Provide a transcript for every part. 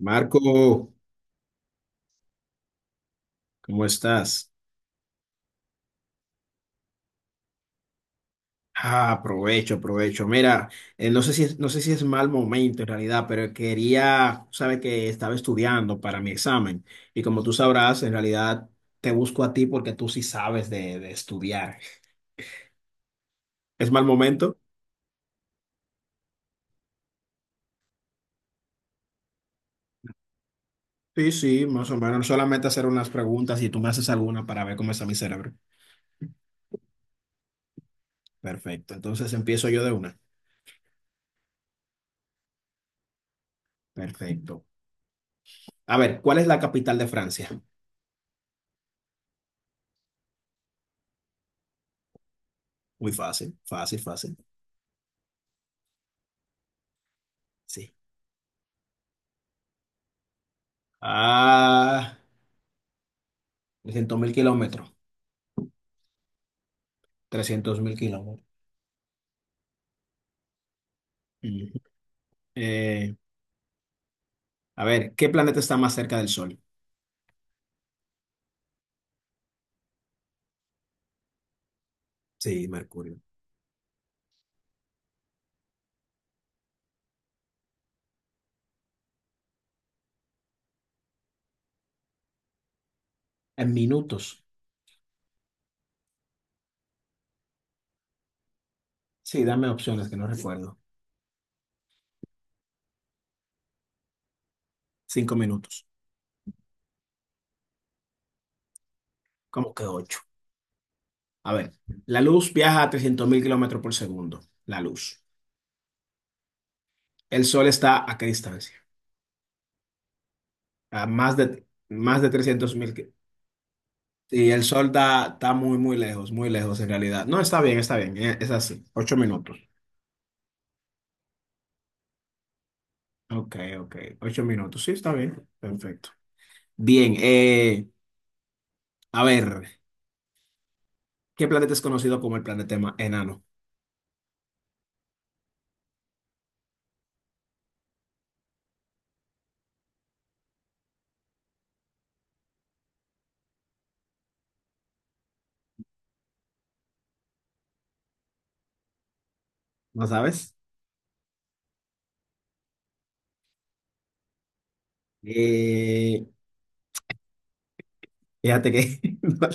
Marco, ¿cómo estás? Ah, aprovecho, aprovecho. Mira, no sé si es mal momento en realidad, pero quería, sabes que estaba estudiando para mi examen y como tú sabrás, en realidad te busco a ti porque tú sí sabes de estudiar. ¿Es mal momento? Sí, sí, más o menos. Solamente hacer unas preguntas y tú me haces alguna para ver cómo está mi cerebro. Perfecto. Entonces empiezo yo de una. Perfecto. A ver, ¿cuál es la capital de Francia? Muy fácil, fácil, fácil. Sí. Ah. 300.000 kilómetros. 300.000 kilómetros. Ujú. Eh, a ver, ¿qué planeta está más cerca del Sol? Sí, Mercurio. En minutos. Sí, dame opciones que no recuerdo. 5 minutos. ¿Cómo que ocho? A ver, la luz viaja a 300.000 kilómetros por segundo. La luz. ¿El sol está a qué distancia? A más de 300.000 y el sol está muy, muy lejos en realidad. No, está bien, está bien. Es así. 8 minutos. Ok, ok. 8 minutos. Sí, está bien. Perfecto. Bien, a ver, ¿qué planeta es conocido como el planeta enano? ¿No sabes? Eh, fíjate que no,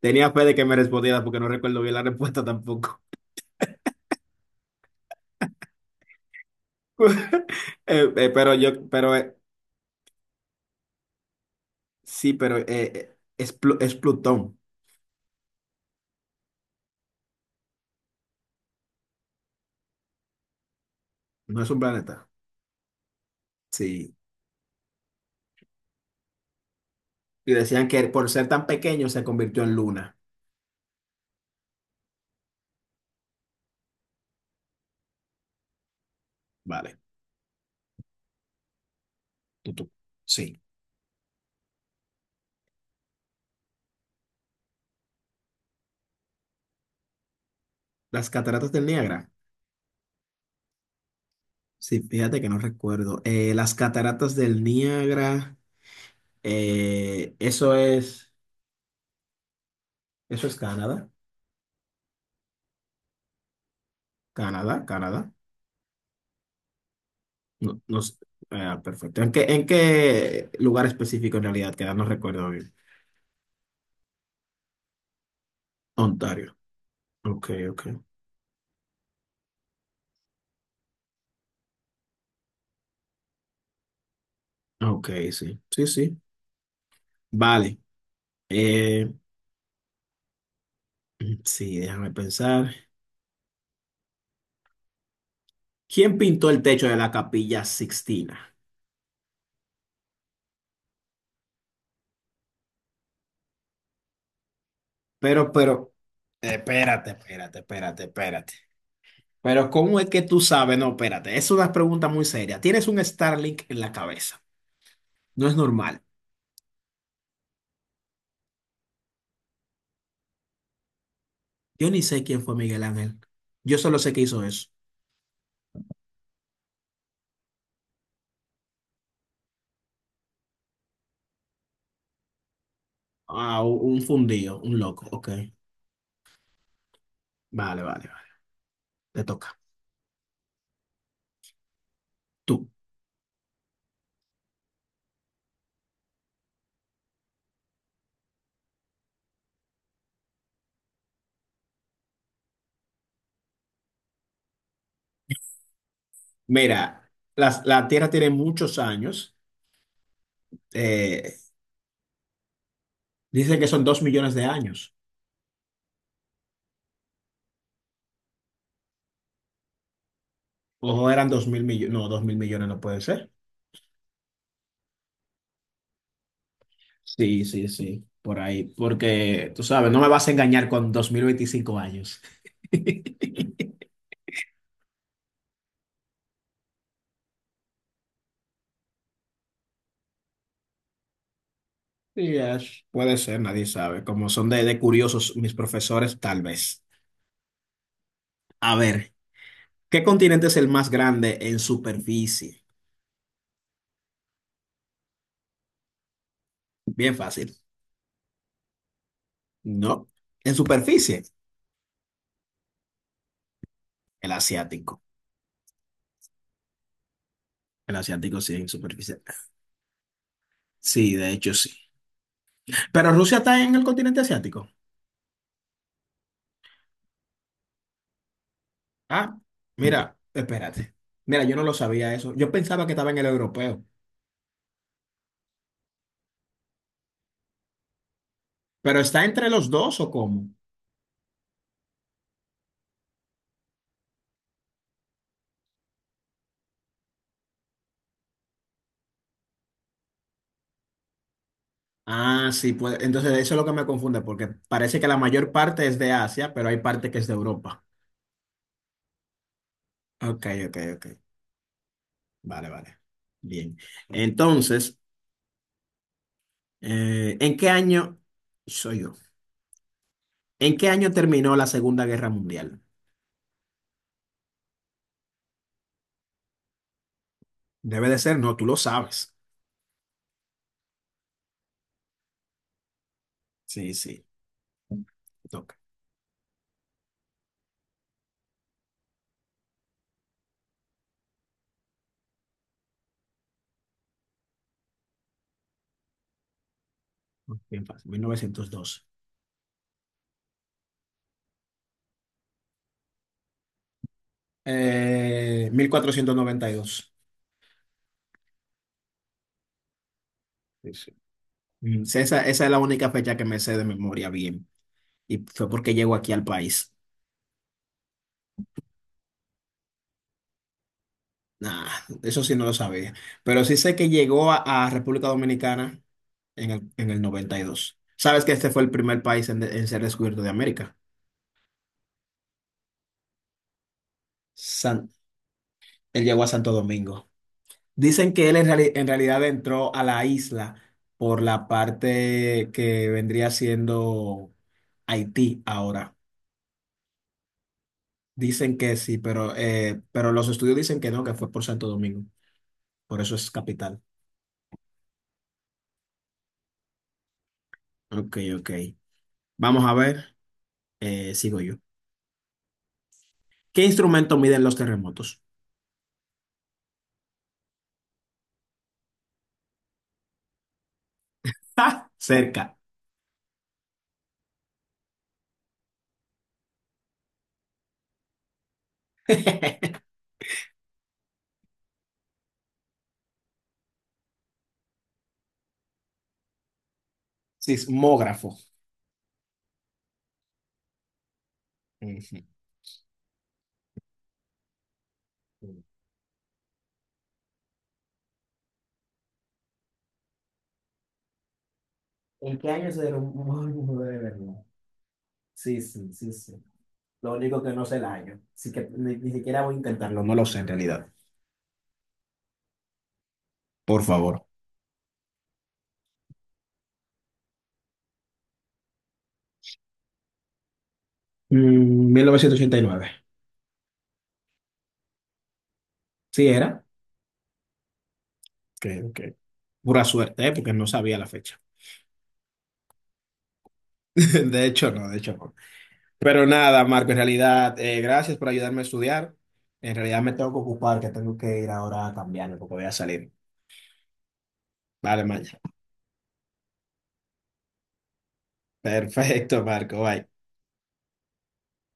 tenía fe de que me respondiera porque no recuerdo bien la respuesta tampoco. Pero yo, pero sí, pero es, es Plutón, no es un planeta. Sí. Y decían que por ser tan pequeño se convirtió en luna. Vale, tú, tú. Sí. Las cataratas del Niágara. Sí, fíjate que no recuerdo. Las cataratas del Niágara. Eh, eso es, eso es Canadá, Canadá, Canadá. No, no sé. Ah, perfecto. ¿En qué lugar específico en realidad queda? No recuerdo bien. Ontario. Ok, ok. Ok, sí. Sí, sí. Vale. Eh, sí, déjame pensar. ¿Quién pintó el techo de la Capilla Sixtina? Pero, pero, espérate, espérate, espérate, espérate. Pero, ¿cómo es que tú sabes? No, espérate. Es una pregunta muy seria. Tienes un Starlink en la cabeza. No es normal. Yo ni sé quién fue Miguel Ángel. Yo solo sé que hizo eso. Ah, un fundido, un loco. Ok. Vale, vale, vale. Te toca. Tú. Mira, la Tierra tiene muchos años. Eh, dicen que son 2 millones de años. Ojo, eran 2.000 millones. No, dos mil millones no puede ser. Sí, sí, sí. Por ahí. Porque, tú sabes, no me vas a engañar con 2025 años. Sí, Ash. Puede ser, nadie sabe. Como son de curiosos mis profesores, tal vez. A ver. ¿Qué continente es el más grande en superficie? Bien fácil. No, en superficie, el asiático. El asiático sí, en superficie. Sí, de hecho sí. Pero Rusia está en el continente asiático. Ah, mira, espérate. Mira, yo no lo sabía eso. Yo pensaba que estaba en el europeo. ¿Pero está entre los dos o cómo? Ah, sí, pues entonces eso es lo que me confunde, porque parece que la mayor parte es de Asia, pero hay parte que es de Europa. Ok, ok, ok. Vale, vale. Bien. Entonces... ¿En qué año soy yo? ¿En qué año terminó la Segunda Guerra Mundial? Debe de ser, no, tú lo sabes. Sí, sí, te toca. Bien fácil, 1912. 1492. Sí, sí. Mm, sí, esa es la única fecha que me sé de memoria bien. Y fue porque llegó aquí al país. Nah, eso sí no lo sabía. Pero sí sé que llegó a República Dominicana en el 92. ¿Sabes que este fue el primer país en ser descubierto de América? San- Él llegó a Santo Domingo. Dicen que él en realidad entró a la isla por la parte que vendría siendo Haití ahora. Dicen que sí, pero los estudios dicen que no, que fue por Santo Domingo. Por eso es capital. Ok, ok. Vamos a ver. Sigo yo. ¿Qué instrumento miden los terremotos? ¡Ja! Cerca. Sismógrafo. Ujú. ¿En qué año se derrumbó el muro de Berlín? Sí, sí, sí, sí. Lo único que no sé el año. Así que ni siquiera voy a intentarlo. No lo sé en realidad. Por favor. Mm, 1989. Sí, era. Ok, ok. Pura suerte, ¿eh? Porque no sabía la fecha. De hecho, no, de hecho, no. Pero nada, Marco, en realidad, gracias por ayudarme a estudiar. En realidad me tengo que ocupar, que tengo que ir ahora a cambiarme porque voy a salir. Vale, Maya. Perfecto, Marco. Bye.